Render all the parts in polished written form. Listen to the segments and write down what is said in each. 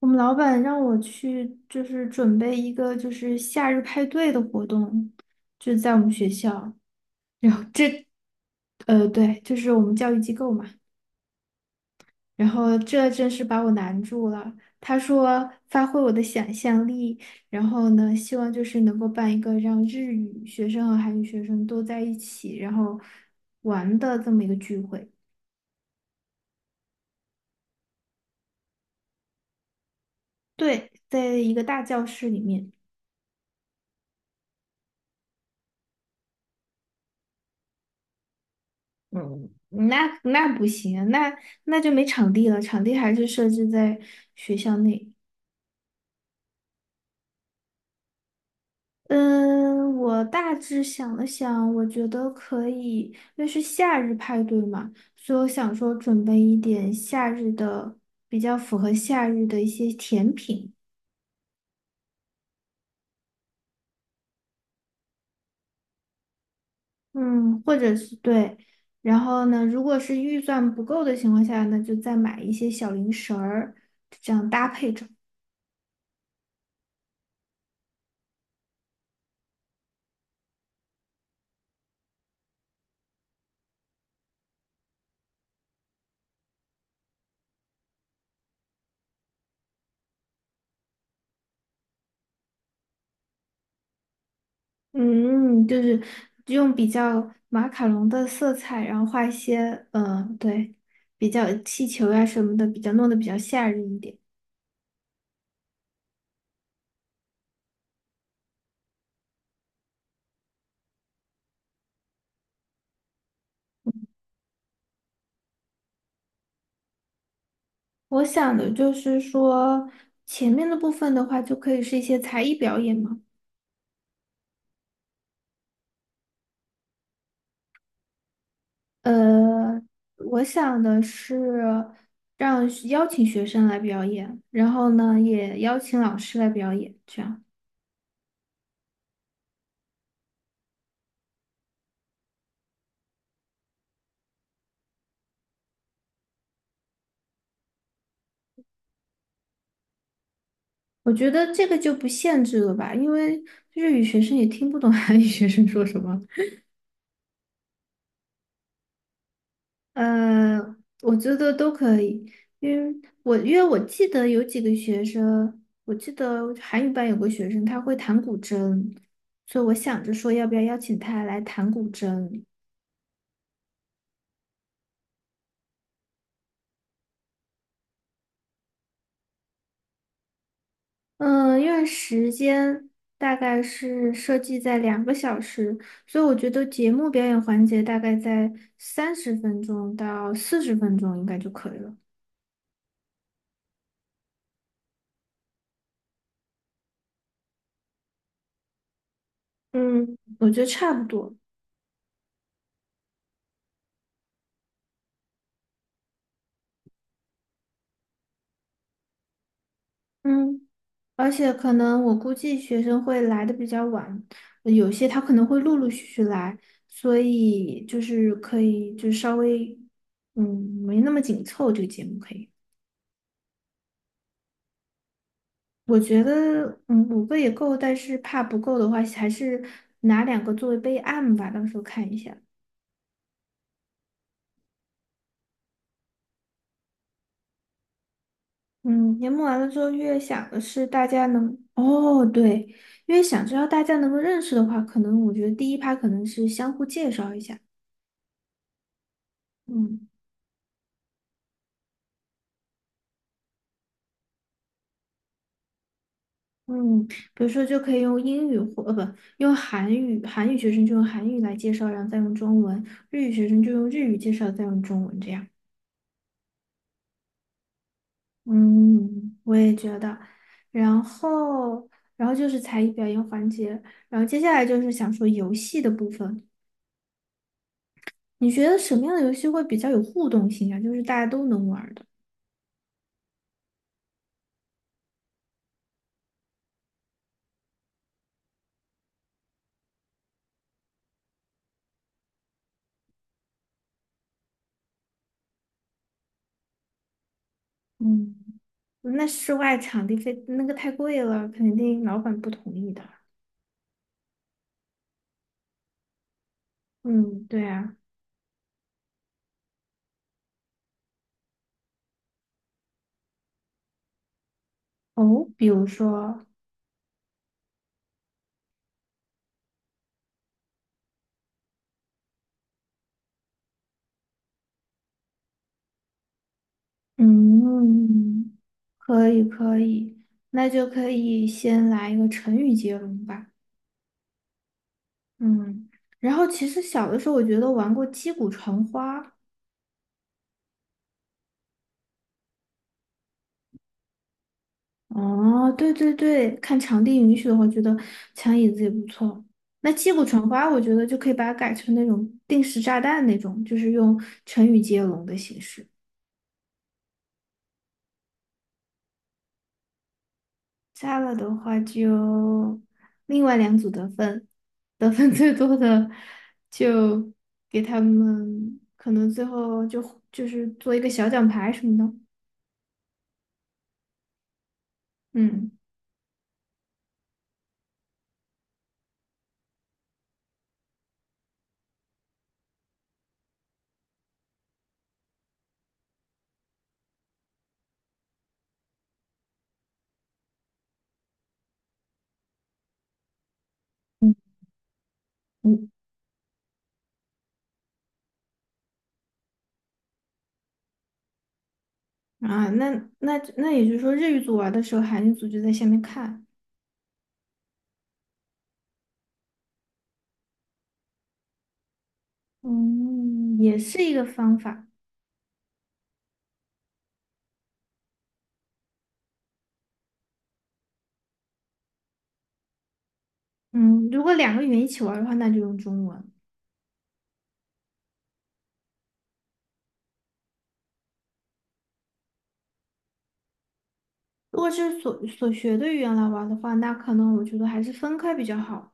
我们老板让我去，就是准备一个就是夏日派对的活动，就是在我们学校。然后这，对，就是我们教育机构嘛。然后这真是把我难住了。他说发挥我的想象力，然后呢，希望就是能够办一个让日语学生和韩语学生都在一起，然后玩的这么一个聚会。对，在一个大教室里面。嗯，那不行，那就没场地了，场地还是设置在学校内。嗯，我大致想了想，我觉得可以，因为是夏日派对嘛，所以我想说准备一点夏日的，比较符合夏日的一些甜品，嗯，或者是对。然后呢，如果是预算不够的情况下呢，那就再买一些小零食儿。嗯，就是用比较马卡龙的色彩，然后画一些，嗯，对，比较气球呀、什么的，比较弄得比较吓人一点。我想的就是说，前面的部分的话，就可以是一些才艺表演嘛。呃，我想的是让邀请学生来表演，然后呢，也邀请老师来表演，这样。我觉得这个就不限制了吧，因为日语学生也听不懂韩语 学生说什么。呃，我觉得都可以，因为我记得有几个学生，我记得韩语班有个学生他会弹古筝，所以我想着说要不要邀请他来弹古筝。嗯，因为时间大概是设计在2个小时，所以我觉得节目表演环节大概在30分钟到40分钟应该就可以了。嗯，我觉得差不多。嗯，而且可能我估计学生会来的比较晚，有些他可能会陆陆续续来，所以就是可以就稍微嗯没那么紧凑这个节目可以。我觉得5个也够，但是怕不够的话，还是拿两个作为备案吧，到时候看一下。嗯，年末完了之后，越想的是大家能哦对，越想知道大家能够认识的话，可能我觉得第一趴可能是相互介绍一下，嗯。嗯，比如说就可以用英语或呃不用韩语，韩语学生就用韩语来介绍，然后再用中文；日语学生就用日语介绍，再用中文这样。嗯，我也觉得。然后，然后就是才艺表演环节，然后接下来就是想说游戏的部分。你觉得什么样的游戏会比较有互动性啊？就是大家都能玩儿的。嗯，那室外场地费那个太贵了，肯定老板不同意的。嗯，对啊。哦，比如说。嗯，可以可以，那就可以先来一个成语接龙吧。嗯，然后其实小的时候我觉得玩过击鼓传花。哦，对对对，看场地允许的话，觉得抢椅子也不错。那击鼓传花，我觉得就可以把它改成那种定时炸弹那种，就是用成语接龙的形式。加了的话就另外两组得分，得分最多的就给他们可能最后就就是做一个小奖牌什么的，嗯嗯嗯啊，那也就是说日语组玩的时候，韩语组就在下面看，嗯，也是一个方法，嗯，如果两个语言一起玩的话，那就用中文；如果是所学的语言来玩的话，那可能我觉得还是分开比较好。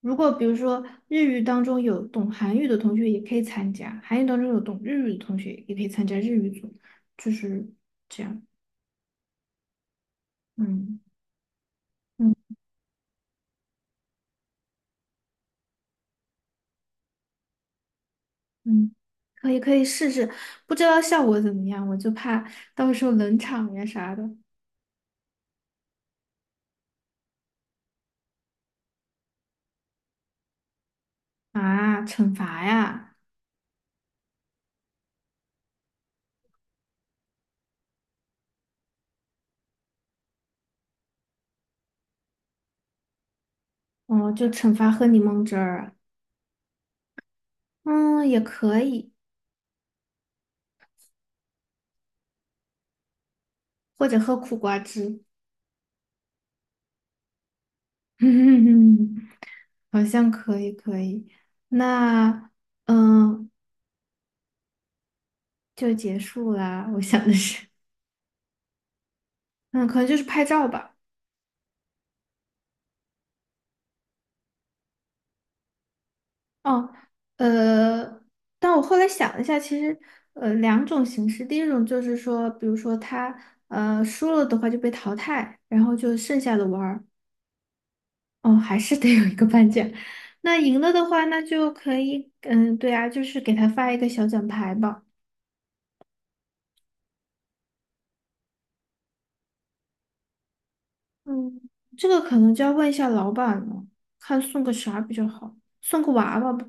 如果比如说日语当中有懂韩语的同学也可以参加，韩语当中有懂日语的同学也可以参加日语组，就是这样。嗯嗯嗯，可以可以试试，不知道效果怎么样，我就怕到时候冷场呀啥的啊，惩罚呀，哦，就惩罚喝柠檬汁儿啊，嗯，也可以，或者喝苦瓜汁，好像可以可以。那嗯。就结束啦。我想的是，嗯，可能就是拍照吧。哦，呃，但我后来想了一下，其实两种形式，第一种就是说，比如说他输了的话就被淘汰，然后就剩下的玩儿，哦，还是得有一个颁奖。那赢了的话，那就可以，嗯，对啊，就是给他发一个小奖牌吧。嗯，这个可能就要问一下老板了，看送个啥比较好，送个娃娃吧。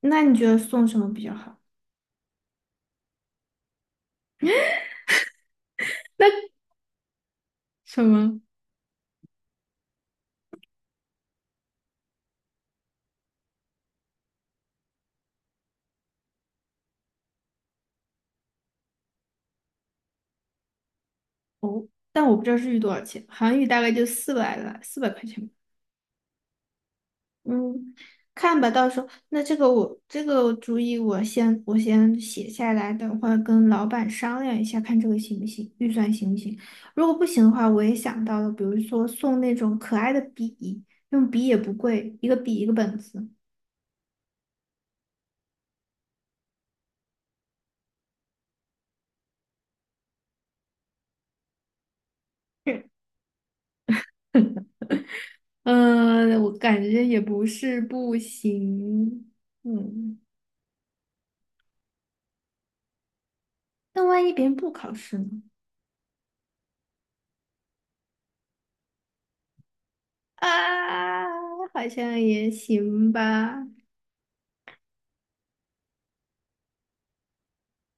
那你觉得送什么比较好？那什么？但我不知道日语多少钱，韩语大概就四百来，400块钱吧。嗯，看吧，到时候这个我这个主意我先写下来，等会儿跟老板商量一下，看这个行不行，预算行不行。如果不行的话，我也想到了，比如说送那种可爱的笔，用笔也不贵，一个笔一个本子。嗯，我感觉也不是不行。嗯，那万一别人不考试呢？啊，好像也行吧。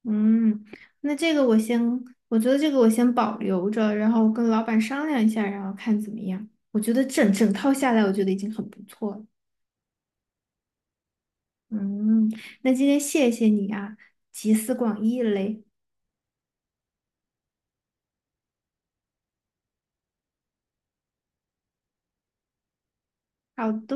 嗯，那这个我先，我觉得这个我先保留着，然后跟老板商量一下，然后看怎么样。我觉得整整套下来，我觉得已经很不错了。嗯，那今天谢谢你啊，集思广益嘞。好的。